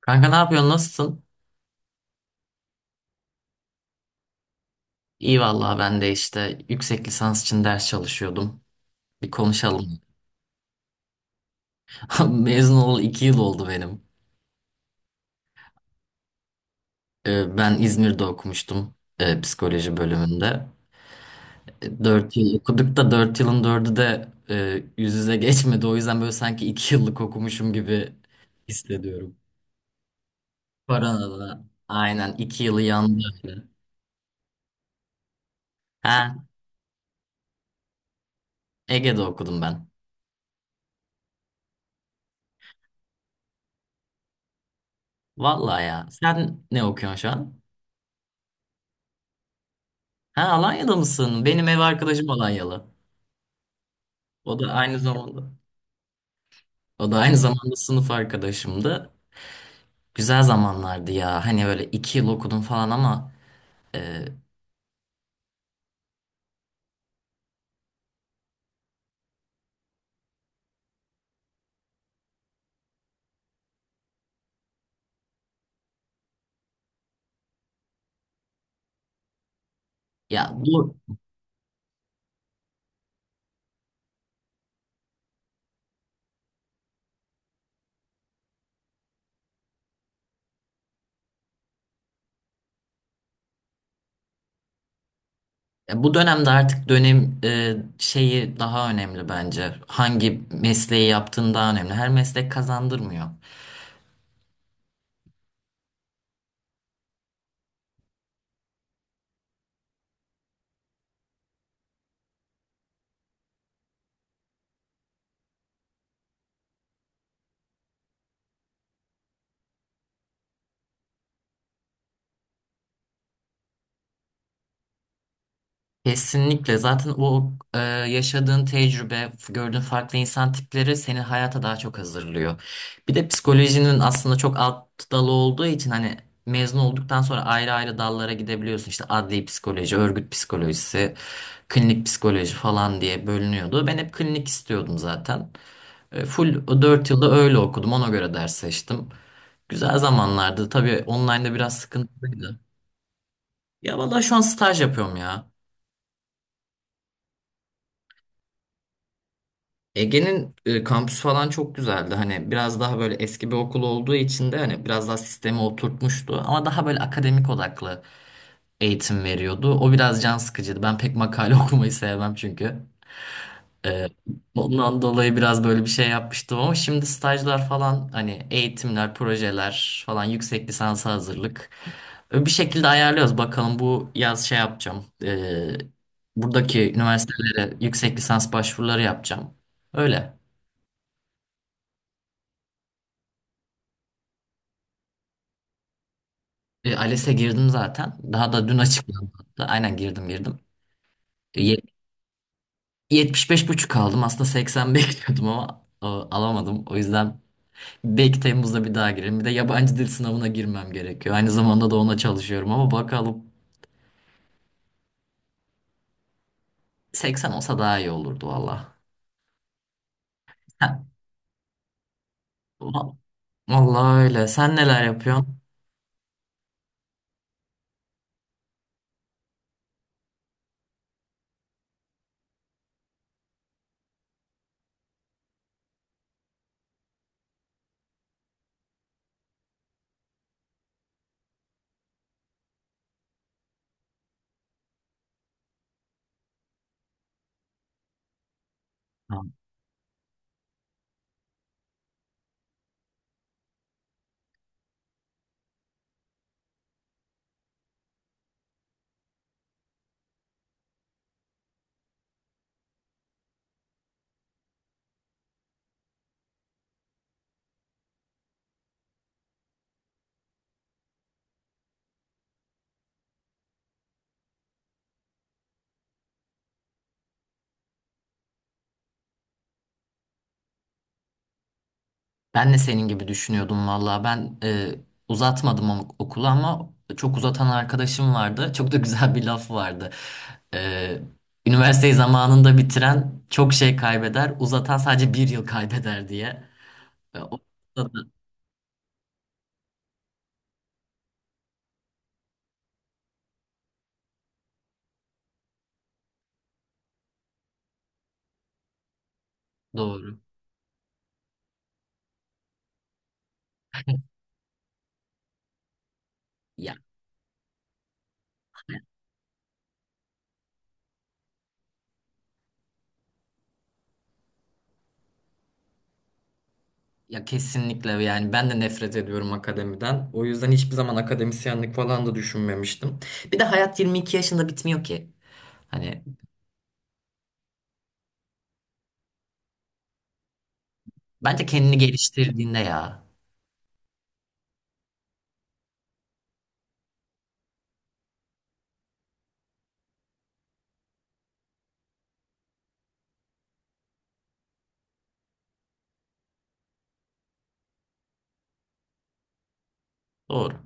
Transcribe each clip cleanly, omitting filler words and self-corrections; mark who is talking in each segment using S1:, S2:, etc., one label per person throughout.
S1: Kanka ne yapıyorsun? Nasılsın? İyi vallahi ben de işte yüksek lisans için ders çalışıyordum. Bir konuşalım. Mezun olalı 2 yıl oldu benim. Ben İzmir'de okumuştum psikoloji bölümünde. 4 yıl okuduk da 4 yılın dördü de yüz yüze geçmedi. O yüzden böyle sanki 2 yıllık okumuşum gibi hissediyorum. Koronada aynen 2 yılı yandı öyle. Ha, Ege'de okudum ben. Vallahi ya. Sen ne okuyorsun şu an? Ha, Alanya'da mısın? Benim ev arkadaşım Alanyalı. O da aynı zamanda o da aynı zamanda sınıf arkadaşımdı. Güzel zamanlardı ya. Hani böyle 2 yıl okudum falan ama e, ya bu ya bu dönemde artık dönem şeyi daha önemli bence. Hangi mesleği yaptığın daha önemli. Her meslek kazandırmıyor. Kesinlikle. Zaten o yaşadığın tecrübe, gördüğün farklı insan tipleri seni hayata daha çok hazırlıyor. Bir de psikolojinin aslında çok alt dalı olduğu için hani mezun olduktan sonra ayrı ayrı dallara gidebiliyorsun. İşte adli psikoloji, örgüt psikolojisi, klinik psikoloji falan diye bölünüyordu. Ben hep klinik istiyordum zaten. Full o 4 yılda öyle okudum. Ona göre ders seçtim. Güzel zamanlardı. Tabii online'da biraz sıkıntılıydı. Ya vallahi şu an staj yapıyorum ya. Ege'nin kampüsü falan çok güzeldi. Hani biraz daha böyle eski bir okul olduğu için de hani biraz daha sistemi oturtmuştu. Ama daha böyle akademik odaklı eğitim veriyordu. O biraz can sıkıcıydı. Ben pek makale okumayı sevmem çünkü. E, ondan dolayı biraz böyle bir şey yapmıştım ama şimdi stajlar falan hani eğitimler, projeler falan yüksek lisansa hazırlık. Bir şekilde ayarlıyoruz. Bakalım bu yaz şey yapacağım. Buradaki üniversitelere yüksek lisans başvuruları yapacağım. Öyle. ALES'e girdim zaten. Daha da dün açıklandı hatta. Aynen girdim girdim. E, ye- 75,5 aldım. Aslında 80 bekliyordum ama alamadım. O yüzden belki Temmuz'da bir daha girerim. Bir de yabancı dil sınavına girmem gerekiyor. Aynı zamanda da ona çalışıyorum ama bakalım 80 olsa daha iyi olurdu valla. Ha, va- Vallahi öyle. Sen neler yapıyorsun? Ben de senin gibi düşünüyordum valla. Ben uzatmadım okulu ama çok uzatan arkadaşım vardı. Çok da güzel bir laf vardı. E, Üniversiteyi zamanında bitiren çok şey kaybeder, uzatan sadece bir yıl kaybeder diye. O da doğru. Ya, ya, kesinlikle yani ben de nefret ediyorum akademiden. O yüzden hiçbir zaman akademisyenlik falan da düşünmemiştim. Bir de hayat 22 yaşında bitmiyor ki. Hani bence kendini geliştirdiğinde ya. Doğru.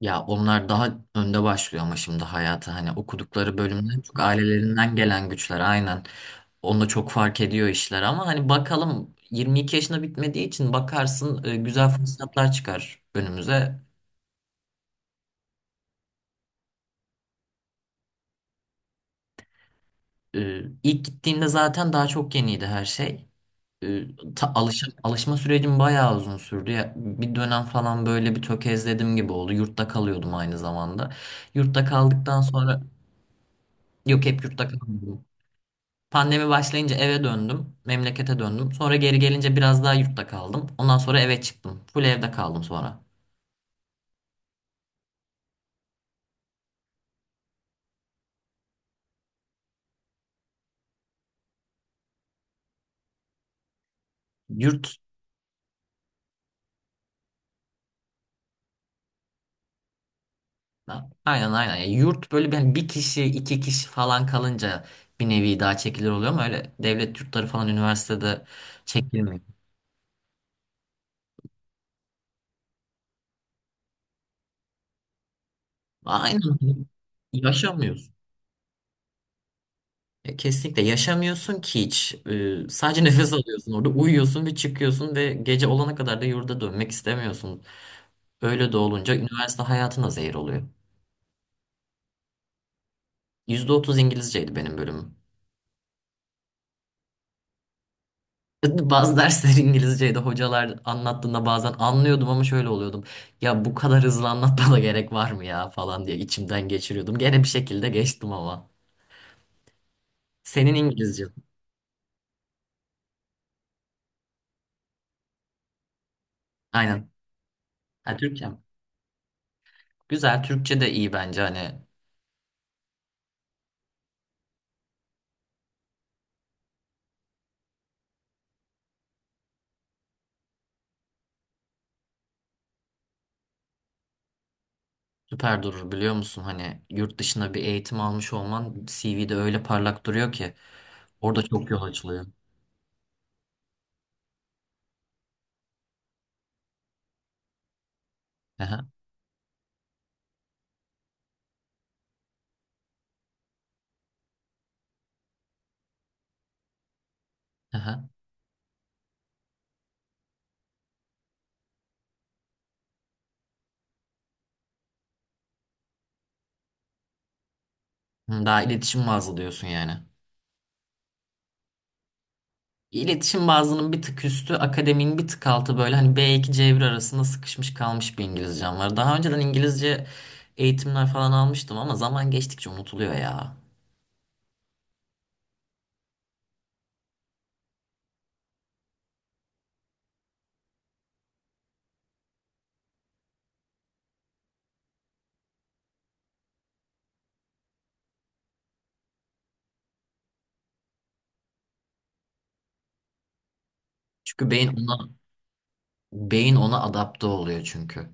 S1: Ya onlar daha önde başlıyor ama şimdi hayata hani okudukları bölümden çok ailelerinden gelen güçler aynen. Onda çok fark ediyor işler ama hani bakalım 22 yaşına bitmediği için bakarsın güzel fırsatlar çıkar önümüze. İlk gittiğimde zaten daha çok yeniydi her şey. E, alışma sürecim bayağı uzun sürdü. Ya, bir dönem falan böyle bir tökezledim gibi oldu. Yurtta kalıyordum aynı zamanda. Yurtta kaldıktan sonra yok, hep yurtta kaldım. Pandemi başlayınca eve döndüm. Memlekete döndüm. Sonra geri gelince biraz daha yurtta kaldım. Ondan sonra eve çıktım. Full evde kaldım sonra. Yurt aynen, aynen. Yani yurt böyle, ben bir kişi iki kişi falan kalınca bir nevi daha çekilir oluyor ama öyle devlet yurtları falan üniversitede çekilmiyor. Aynen. Yaşamıyorsun. Kesinlikle yaşamıyorsun ki hiç. Sadece nefes alıyorsun, orada uyuyorsun ve çıkıyorsun ve gece olana kadar da yurda dönmek istemiyorsun. Öyle de olunca üniversite hayatına zehir oluyor. %30 İngilizceydi benim bölümüm. Bazı dersler İngilizceydi. Hocalar anlattığında bazen anlıyordum ama şöyle oluyordum. Ya bu kadar hızlı anlatmana gerek var mı ya falan diye içimden geçiriyordum. Gene bir şekilde geçtim ama. Senin İngilizce. Aynen. Ha, Türkçem. Güzel. Türkçe de iyi bence hani. Süper durur biliyor musun? Hani yurt dışında bir eğitim almış olman CV'de öyle parlak duruyor ki. Orada çok yol açılıyor. Aha, aha. Hı, daha iletişim bazlı diyorsun yani. İletişim bazının bir tık üstü, akademinin bir tık altı böyle hani B2 C1 arasında sıkışmış kalmış bir İngilizcem var. Daha önceden İngilizce eğitimler falan almıştım ama zaman geçtikçe unutuluyor ya. Çünkü beyin ona adapte oluyor çünkü.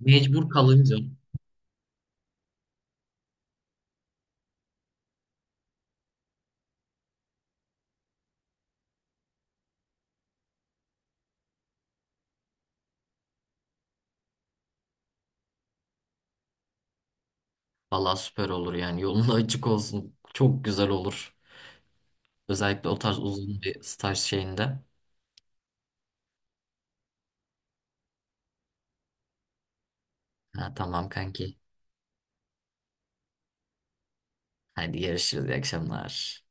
S1: Mecbur kalınca valla süper olur yani, yolun da açık olsun. Çok güzel olur. Özellikle o tarz uzun bir staj şeyinde. Ha, tamam kanki. Hadi görüşürüz. İyi akşamlar.